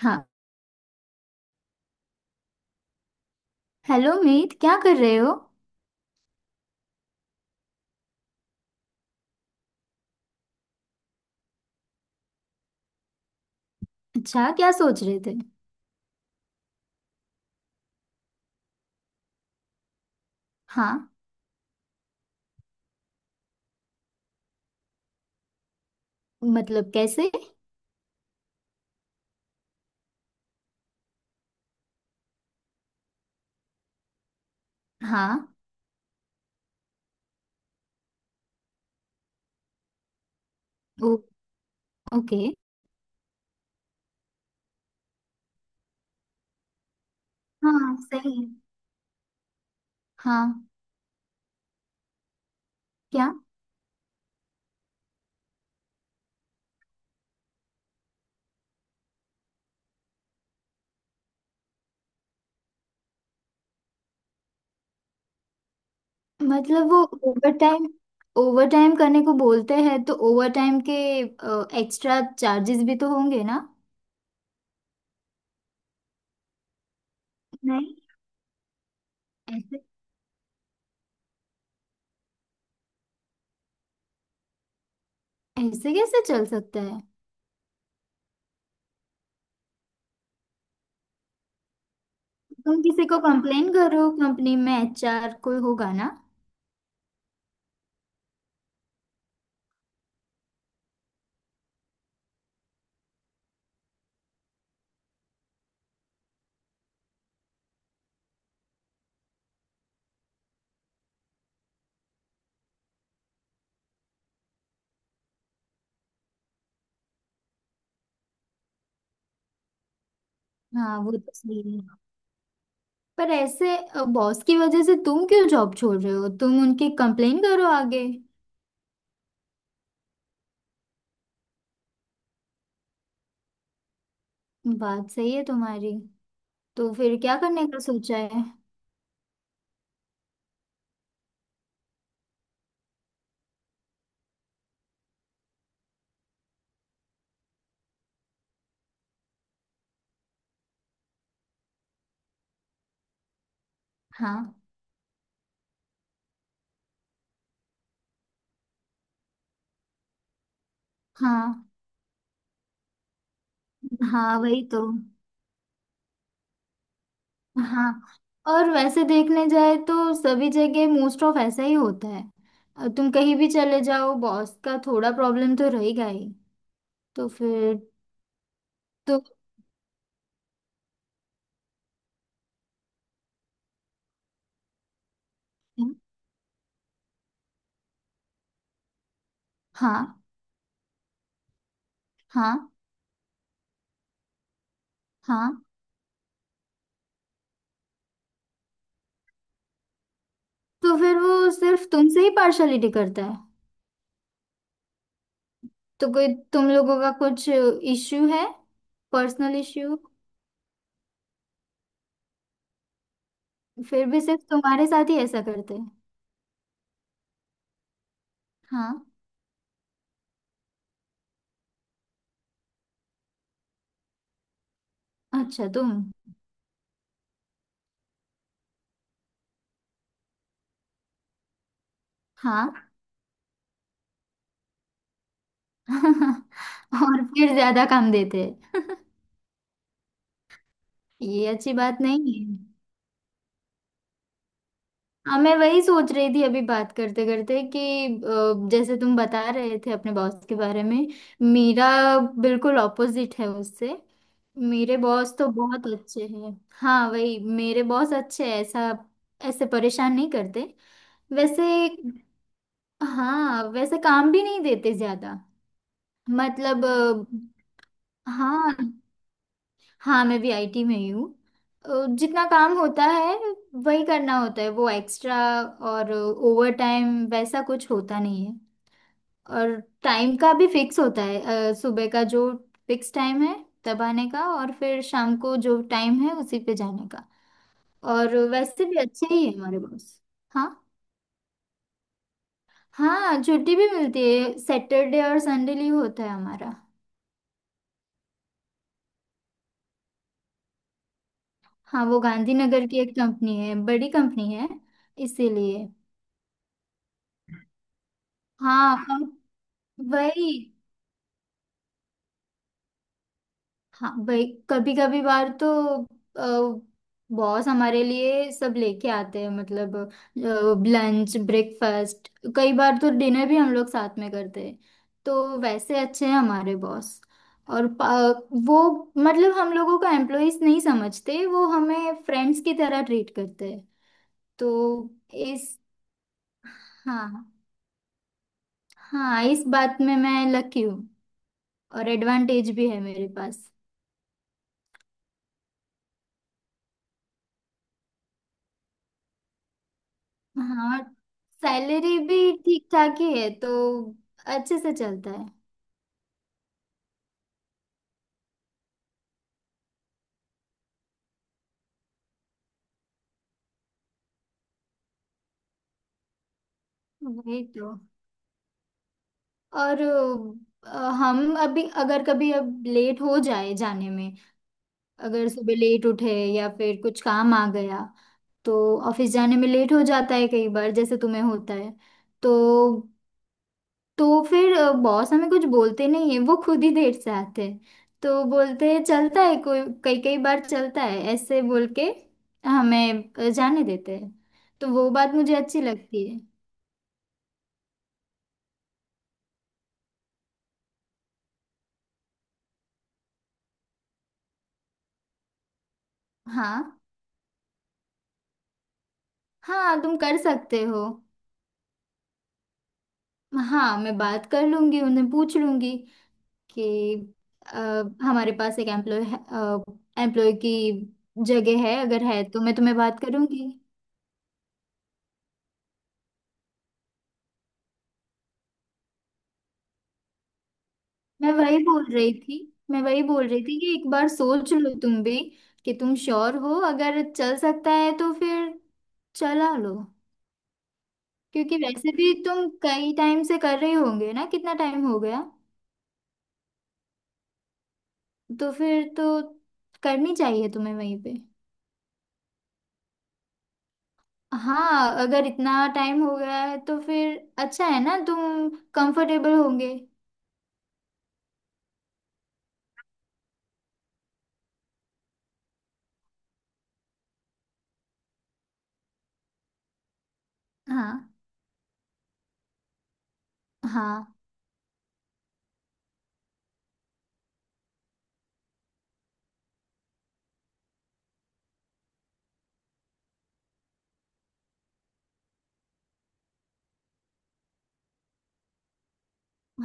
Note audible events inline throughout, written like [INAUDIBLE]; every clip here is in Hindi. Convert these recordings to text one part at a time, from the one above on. हाँ। हेलो मीत, क्या कर रहे हो? अच्छा, क्या सोच रहे थे? हाँ। मतलब कैसे? हाँ। ओ, ओके। हाँ, सही है। हाँ। क्या? मतलब वो ओवर टाइम, ओवर टाइम करने को बोलते हैं तो ओवर टाइम के एक्स्ट्रा चार्जेस भी तो होंगे ना? नहीं। ऐसे? ऐसे कैसे चल सकता है? तुम किसी को कंप्लेन करो, कंपनी में एचआर कोई होगा ना। हाँ, वो तो सही है। पर ऐसे बॉस की वजह से तुम क्यों जॉब छोड़ रहे हो, तुम उनकी कंप्लेन करो आगे। बात सही है तुम्हारी। तो फिर क्या करने का सोचा है? हाँ। हाँ। हाँ, वही तो। हाँ। और वैसे देखने जाए तो सभी जगह मोस्ट ऑफ ऐसा ही होता है। तुम कहीं भी चले जाओ, बॉस का थोड़ा प्रॉब्लम तो रहेगा ही। तो फिर? तो हाँ। हाँ। हाँ। तो फिर वो सिर्फ तुमसे ही पार्शलिटी करता है? तो कोई तुम लोगों का कुछ इश्यू है? Personal issue? फिर भी सिर्फ तुम्हारे साथ ही ऐसा करते हैं? हाँ। अच्छा, तुम। हाँ। [LAUGHS] और फिर ज्यादा काम देते हैं। ये अच्छी बात नहीं है। हाँ, मैं वही सोच रही थी अभी बात करते करते कि जैसे तुम बता रहे थे अपने बॉस के बारे में, मेरा बिल्कुल ऑपोजिट है उससे। मेरे बॉस तो बहुत अच्छे हैं। हाँ, वही, मेरे बॉस अच्छे हैं ऐसा। ऐसे परेशान नहीं करते। वैसे हाँ, वैसे काम भी नहीं देते ज्यादा। मतलब हाँ। हाँ, मैं भी आईटी में ही हूँ। जितना काम होता है वही करना होता है, वो एक्स्ट्रा और ओवर टाइम वैसा कुछ होता नहीं है। और टाइम का भी फिक्स होता है। सुबह का जो फिक्स टाइम है तब आने का, और फिर शाम को जो टाइम है उसी पे जाने का। और वैसे भी अच्छे ही है हमारे बॉस। हाँ। हाँ, छुट्टी भी मिलती है, सैटरडे और संडे लीव होता है हमारा। हाँ, वो गांधीनगर की एक कंपनी है, बड़ी कंपनी है। इसीलिए। हाँ। और वही। हाँ भाई, कभी कभी बार तो बॉस हमारे लिए सब लेके आते हैं, मतलब लंच, ब्रेकफास्ट, कई बार तो डिनर भी हम लोग साथ में करते हैं। तो वैसे अच्छे हैं हमारे बॉस। और पा- वो, मतलब हम लोगों को एम्प्लॉइज नहीं समझते, वो हमें फ्रेंड्स की तरह ट्रीट करते हैं। तो इस, हाँ। हाँ, इस बात में मैं लकी हूँ। और एडवांटेज भी है मेरे पास। हाँ, सैलरी भी ठीक ठाक ही है, तो अच्छे से चलता है। वही तो। और हम अभी अगर कभी अब लेट हो जाए जाने में, अगर सुबह लेट उठे या फिर कुछ काम आ गया, तो ऑफिस जाने में लेट हो जाता है कई बार, जैसे तुम्हें होता है। तो तो फिर बॉस हमें कुछ बोलते नहीं है, वो खुद ही देर से आते हैं। तो बोलते हैं चलता है कोई, कई कई बार चलता है ऐसे बोल के हमें जाने देते हैं। तो वो बात मुझे अच्छी लगती है। हाँ। हाँ, तुम कर सकते हो। हाँ, मैं बात कर लूंगी, उन्हें पूछ लूंगी कि अ, हमारे पास एक एम्प्लॉय, एम्प्लॉय की जगह है अगर, है तो मैं तुम्हें बात करूंगी। मैं वही बोल रही थी। मैं वही बोल रही थी कि एक बार सोच लो तुम भी कि तुम श्योर हो, अगर चल सकता है तो फिर चला लो। क्योंकि वैसे भी तुम कई टाइम से कर रहे होंगे ना, कितना टाइम हो गया? तो फिर तो करनी चाहिए तुम्हें वहीं पे। हाँ, अगर इतना टाइम हो गया है तो फिर अच्छा है ना, तुम कंफर्टेबल होंगे। हाँ। हाँ।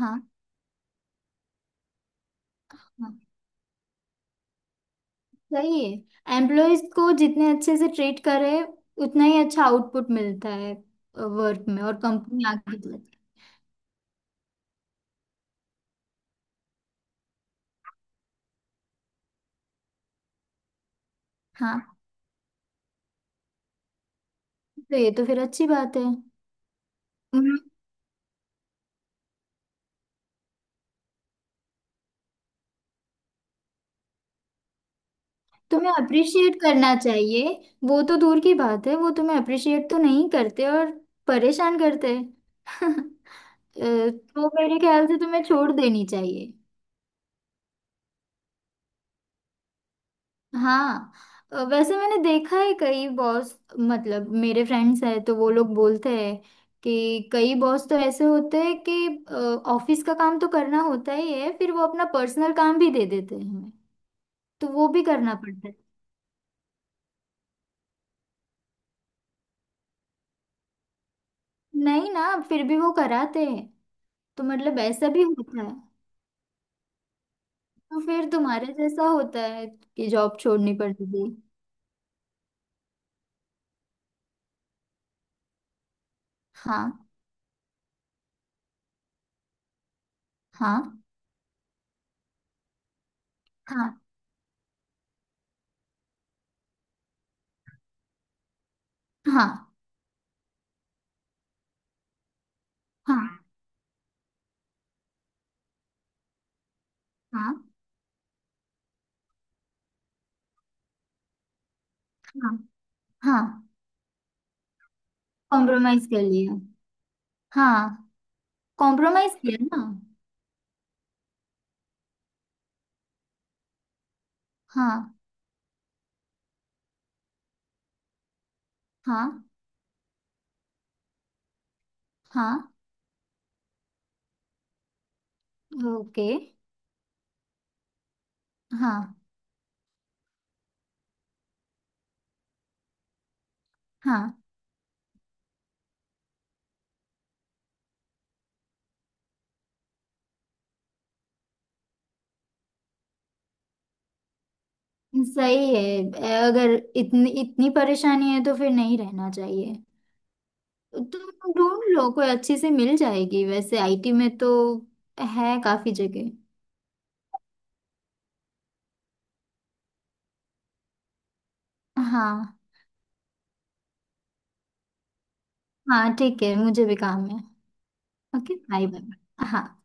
हाँ। हाँ। सही है, एम्प्लॉयज को जितने अच्छे से ट्रीट करे उतना ही अच्छा आउटपुट मिलता है वर्क में, और कंपनी आगे बढ़ती है। हाँ, तो ये तो फिर अच्छी बात है। उम्म, तुम्हें अप्रिशिएट करना चाहिए। वो तो दूर की बात है, वो तुम्हें अप्रिशिएट तो नहीं करते और परेशान करते हैं। [LAUGHS] तो मेरे ख्याल से तुम्हें छोड़ देनी चाहिए। हाँ। वैसे मैंने देखा है, कई बॉस, मतलब मेरे फ्रेंड्स हैं तो वो लोग बोलते हैं कि कई बॉस तो ऐसे होते हैं कि ऑफिस का काम तो करना होता ही है, फिर वो अपना पर्सनल काम भी दे देते हैं हमें। तो वो भी करना पड़ता है। नहीं ना, फिर भी वो कराते हैं। तो मतलब ऐसा भी होता है। तो फिर तुम्हारे जैसा होता है कि जॉब छोड़नी पड़ती थी। हाँ। हाँ। हाँ। हाँ। हाँ। हाँ। हाँ। हाँ। कॉम्प्रोमाइज कर लिया? हाँ। कॉम्प्रोमाइज किया ना। हाँ। हाँ। हाँ। ओके। हाँ। हाँ। सही है। अगर इतनी इतनी परेशानी है तो फिर नहीं रहना चाहिए। तुम ढूंढ लो, कोई अच्छी से मिल जाएगी, वैसे आईटी में तो है काफी जगह। हाँ। हाँ ठीक है, मुझे भी काम है। Okay, bye bye. हाँ।